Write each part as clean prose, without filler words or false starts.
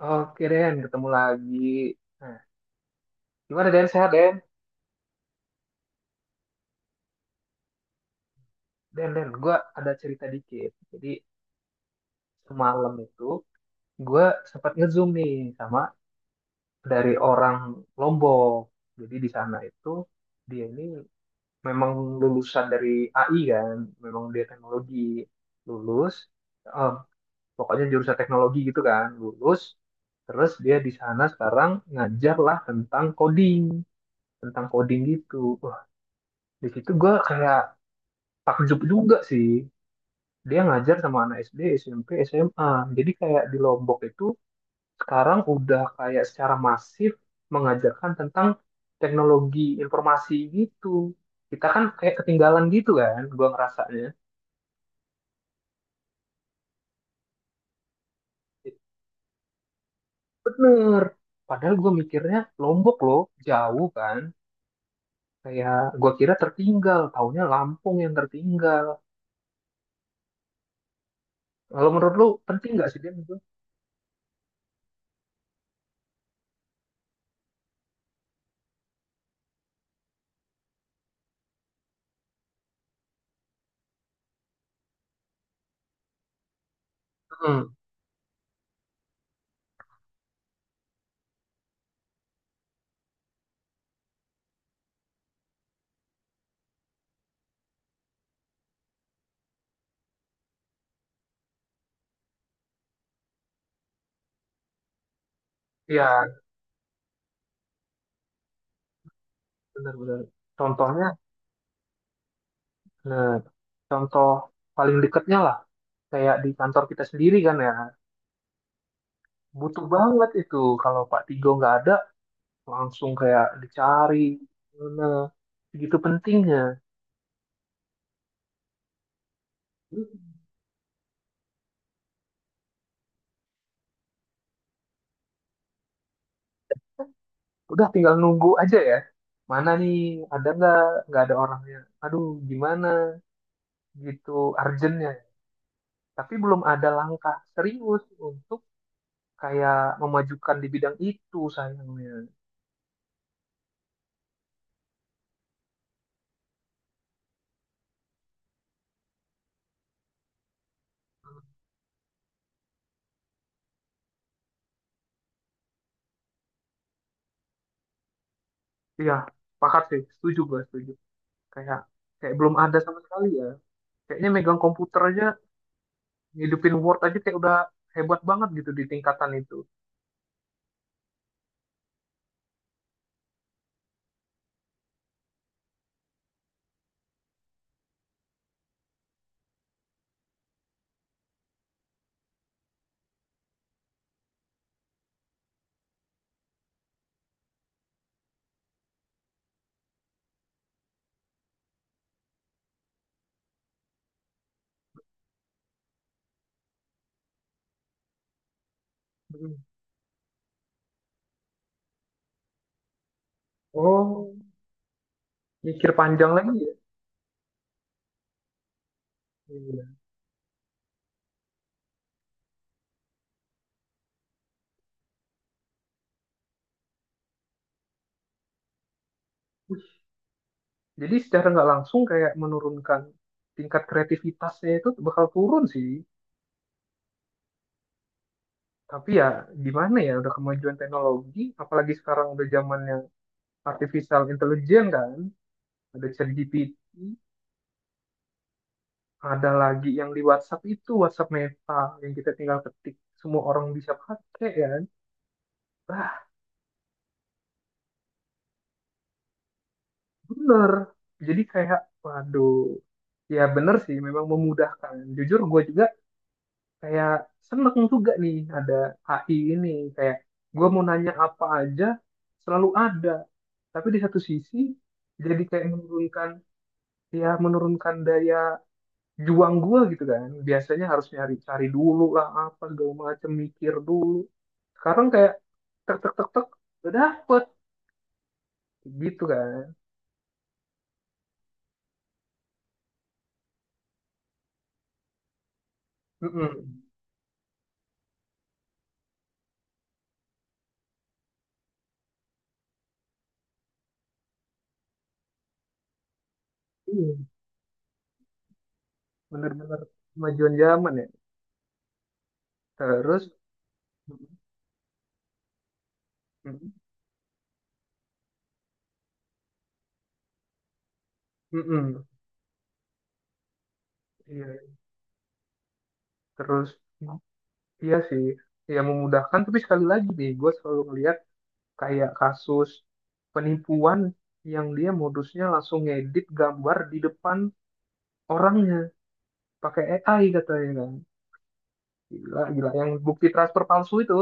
Oh, oke Den, ketemu lagi. Nah, gimana Den, sehat Den? Den, Den, gue ada cerita dikit. Jadi semalam itu gue sempat ngezoom nih sama dari orang Lombok. Jadi di sana itu dia ini memang lulusan dari AI kan, memang dia teknologi lulus, eh, pokoknya jurusan teknologi gitu kan, lulus. Terus dia di sana sekarang ngajar lah tentang coding gitu. Wah, di situ gue kayak takjub juga sih dia ngajar sama anak SD, SMP, SMA. Jadi kayak di Lombok itu sekarang udah kayak secara masif mengajarkan tentang teknologi informasi gitu. Kita kan kayak ketinggalan gitu kan, gua ngerasanya. Jadi bener. Padahal gua mikirnya Lombok loh, jauh kan. Kayak gua kira tertinggal, taunya Lampung yang tertinggal. Kalau menurut lu penting nggak sih dia itu? Hmm, iya benar bener. Contohnya. Nah, contoh paling dekatnya lah, kayak di kantor kita sendiri kan ya, butuh banget itu. Kalau Pak Tigo nggak ada, langsung kayak dicari, mana, begitu pentingnya. Udah tinggal nunggu aja ya. Mana nih, ada nggak? Nggak ada orangnya. Aduh, gimana? Gitu, urgentnya. Tapi belum ada langkah serius untuk kayak memajukan di bidang itu sayangnya. Iya, pakat sih, setuju gue, setuju. Kayak kayak belum ada sama sekali ya, kayaknya megang komputer aja ngidupin Word aja kayak udah hebat banget gitu di tingkatan itu. Mm. Oh, mikir panjang lagi ya. Iya. Jadi secara nggak langsung kayak menurunkan tingkat kreativitasnya itu bakal turun sih. Tapi ya gimana ya, udah kemajuan teknologi, apalagi sekarang udah zamannya artificial intelligence kan, ada ChatGPT, ada lagi yang di WhatsApp itu WhatsApp Meta, yang kita tinggal ketik, semua orang bisa pakai ya. Bener. Jadi kayak, waduh, ya bener sih, memang memudahkan. Jujur gue juga kayak seneng juga nih ada AI ini. Kayak gue mau nanya apa aja, selalu ada. Tapi di satu sisi, jadi kayak menurunkan, ya menurunkan daya juang gue gitu kan. Biasanya harus nyari cari dulu lah apa segala macem, mikir dulu. Sekarang kayak tek tek tek tek, udah dapet gitu kan. Mm-mm. Iya, bener-bener kemajuan zaman ya. Terus, mm-mm. Mm-mm. Iya, terus, iya sih, ya memudahkan. Tapi sekali lagi nih, gue selalu ngeliat kayak kasus penipuan yang dia modusnya langsung ngedit gambar di depan orangnya pakai AI katanya kan. Gila, gila. Yang bukti transfer palsu itu.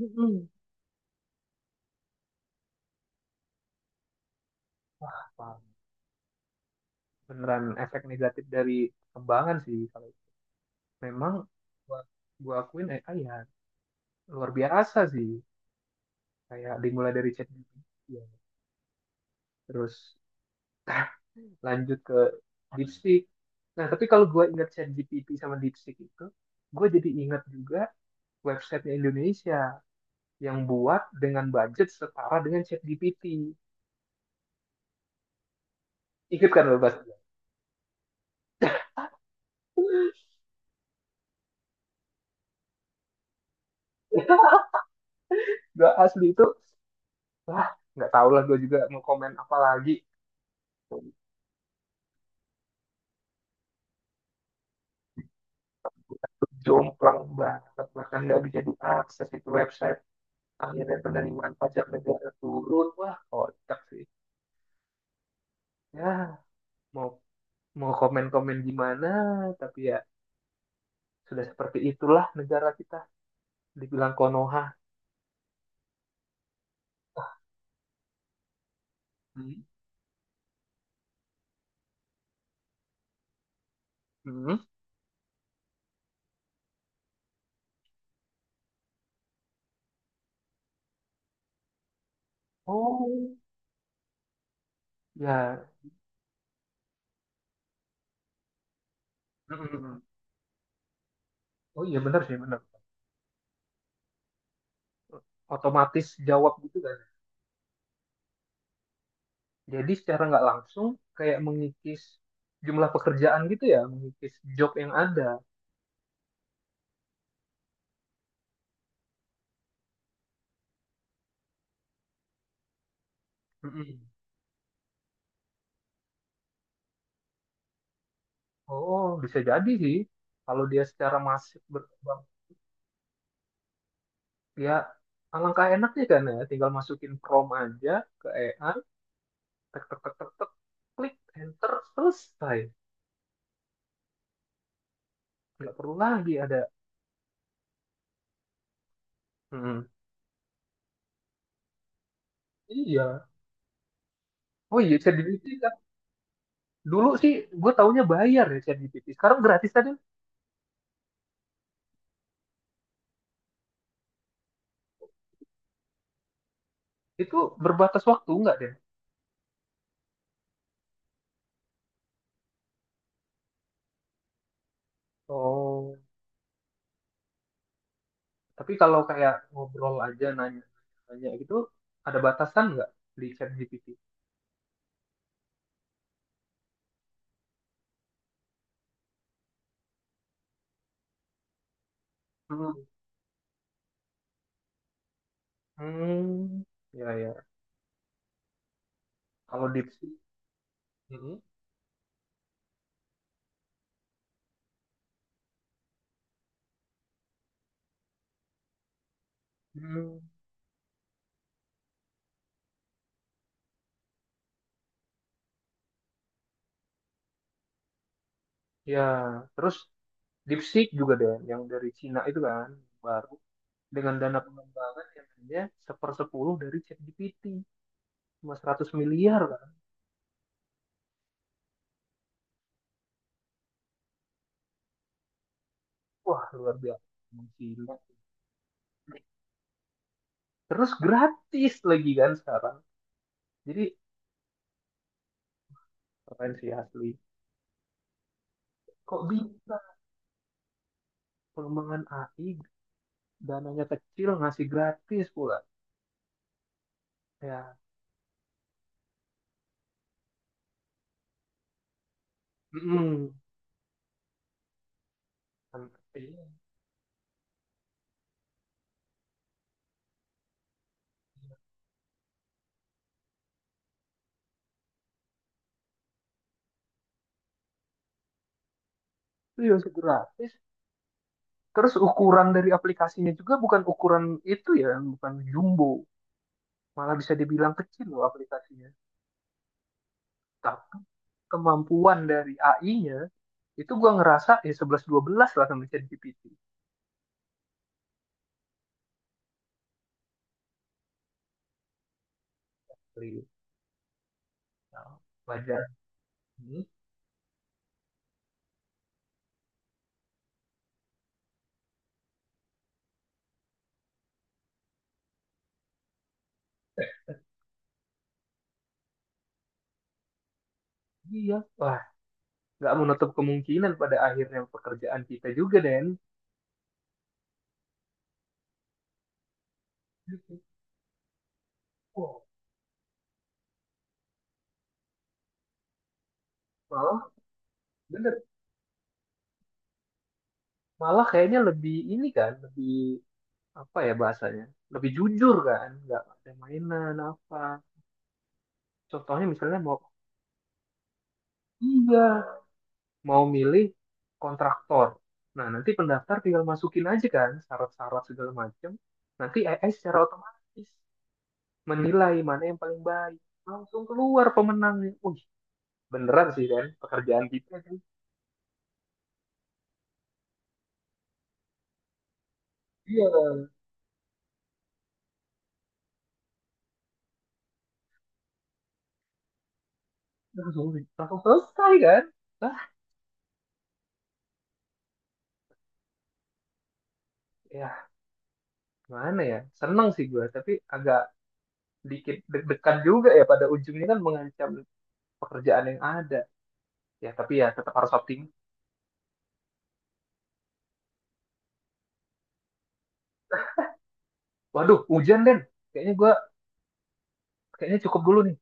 Mm-mm. Wah, paham. Beneran efek negatif dari kembangan sih. Kalau memang gua, gua akuin AI ya luar biasa sih. Kayak dimulai dari ChatGPT ya. Terus lanjut ke DeepSeek. Nah tapi kalau gue ingat ChatGPT sama DeepSeek itu, gue jadi ingat juga websitenya Indonesia yang buat dengan budget setara dengan ChatGPT. Ingat kan lo Bas? Gue asli itu wah nggak tahu lah, gue juga mau komen apa lagi. Jomplang banget, bahkan nggak bisa diakses itu website, akhirnya penerimaan pajak negara turun. Wah kocak sih. Ya mau mau komen-komen gimana, tapi ya sudah seperti itulah negara kita. Dibilang Konoha. Hmm. Hmm. Oh, ya. Hmm. Hmm, hmm. Oh iya benar sih, benar. Otomatis jawab gitu kan. Jadi secara nggak langsung kayak mengikis jumlah pekerjaan gitu ya, mengikis job yang ada. Hmm. Hmm. Oh, bisa jadi sih. Kalau dia secara masif berkembang, ya alangkah enaknya kan ya, tinggal masukin prom aja ke EA, tek tek tek tek tek klik enter selesai, nggak perlu lagi ada. Hmm mm. Iya. Oh iya ChatGPT kan dulu sih gue taunya bayar ya, ChatGPT sekarang gratis kan. Itu berbatas waktu nggak deh? Oh, tapi kalau kayak ngobrol aja nanya nanya gitu, ada batasan nggak di ChatGPT? Mm. Hmm. Ya ya. Kalau DeepSeek mm. Hmm, ya. Terus DeepSeek juga deh, yang dari Cina itu kan, baru, dengan dana pengembangan yang hanya sepersepuluh dari ChatGPT, cuma 100 miliar kan. Wah luar biasa. Emang gila. Terus gratis lagi kan sekarang, jadi keren sih asli. Kok bisa pengembangan AI dananya kecil ngasih gratis pula ya. Mm. Itu ya gratis. Terus ukuran dari aplikasinya juga bukan ukuran itu ya, bukan jumbo, malah bisa dibilang kecil loh aplikasinya. Tapi kemampuan dari AI-nya itu gue ngerasa ya 11-12 lah sama ChatGPT. Nah, wajar. Hmm, iya. Wah, nggak menutup kemungkinan pada akhirnya pekerjaan kita juga Den. Wah, malah bener, malah kayaknya lebih ini kan, lebih apa ya bahasanya, lebih jujur kan, nggak ada mainan apa. Contohnya misalnya mau, iya, mau milih kontraktor. Nah nanti pendaftar tinggal masukin aja kan syarat-syarat segala macam, nanti AI secara otomatis menilai mana yang paling baik, langsung keluar pemenangnya. Wih, beneran sih, kan pekerjaan kita kan, iya, langsung langsung selesai kan. Ah ya gimana ya, seneng sih gue tapi agak dikit deg-degan juga ya, pada ujungnya kan mengancam pekerjaan yang ada. Ya tapi ya tetap harus optimis. Waduh hujan Den, kayaknya gue, kayaknya cukup dulu nih.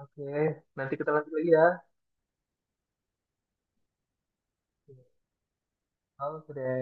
Oke, nanti kita lanjut lagi ya. Oke deh.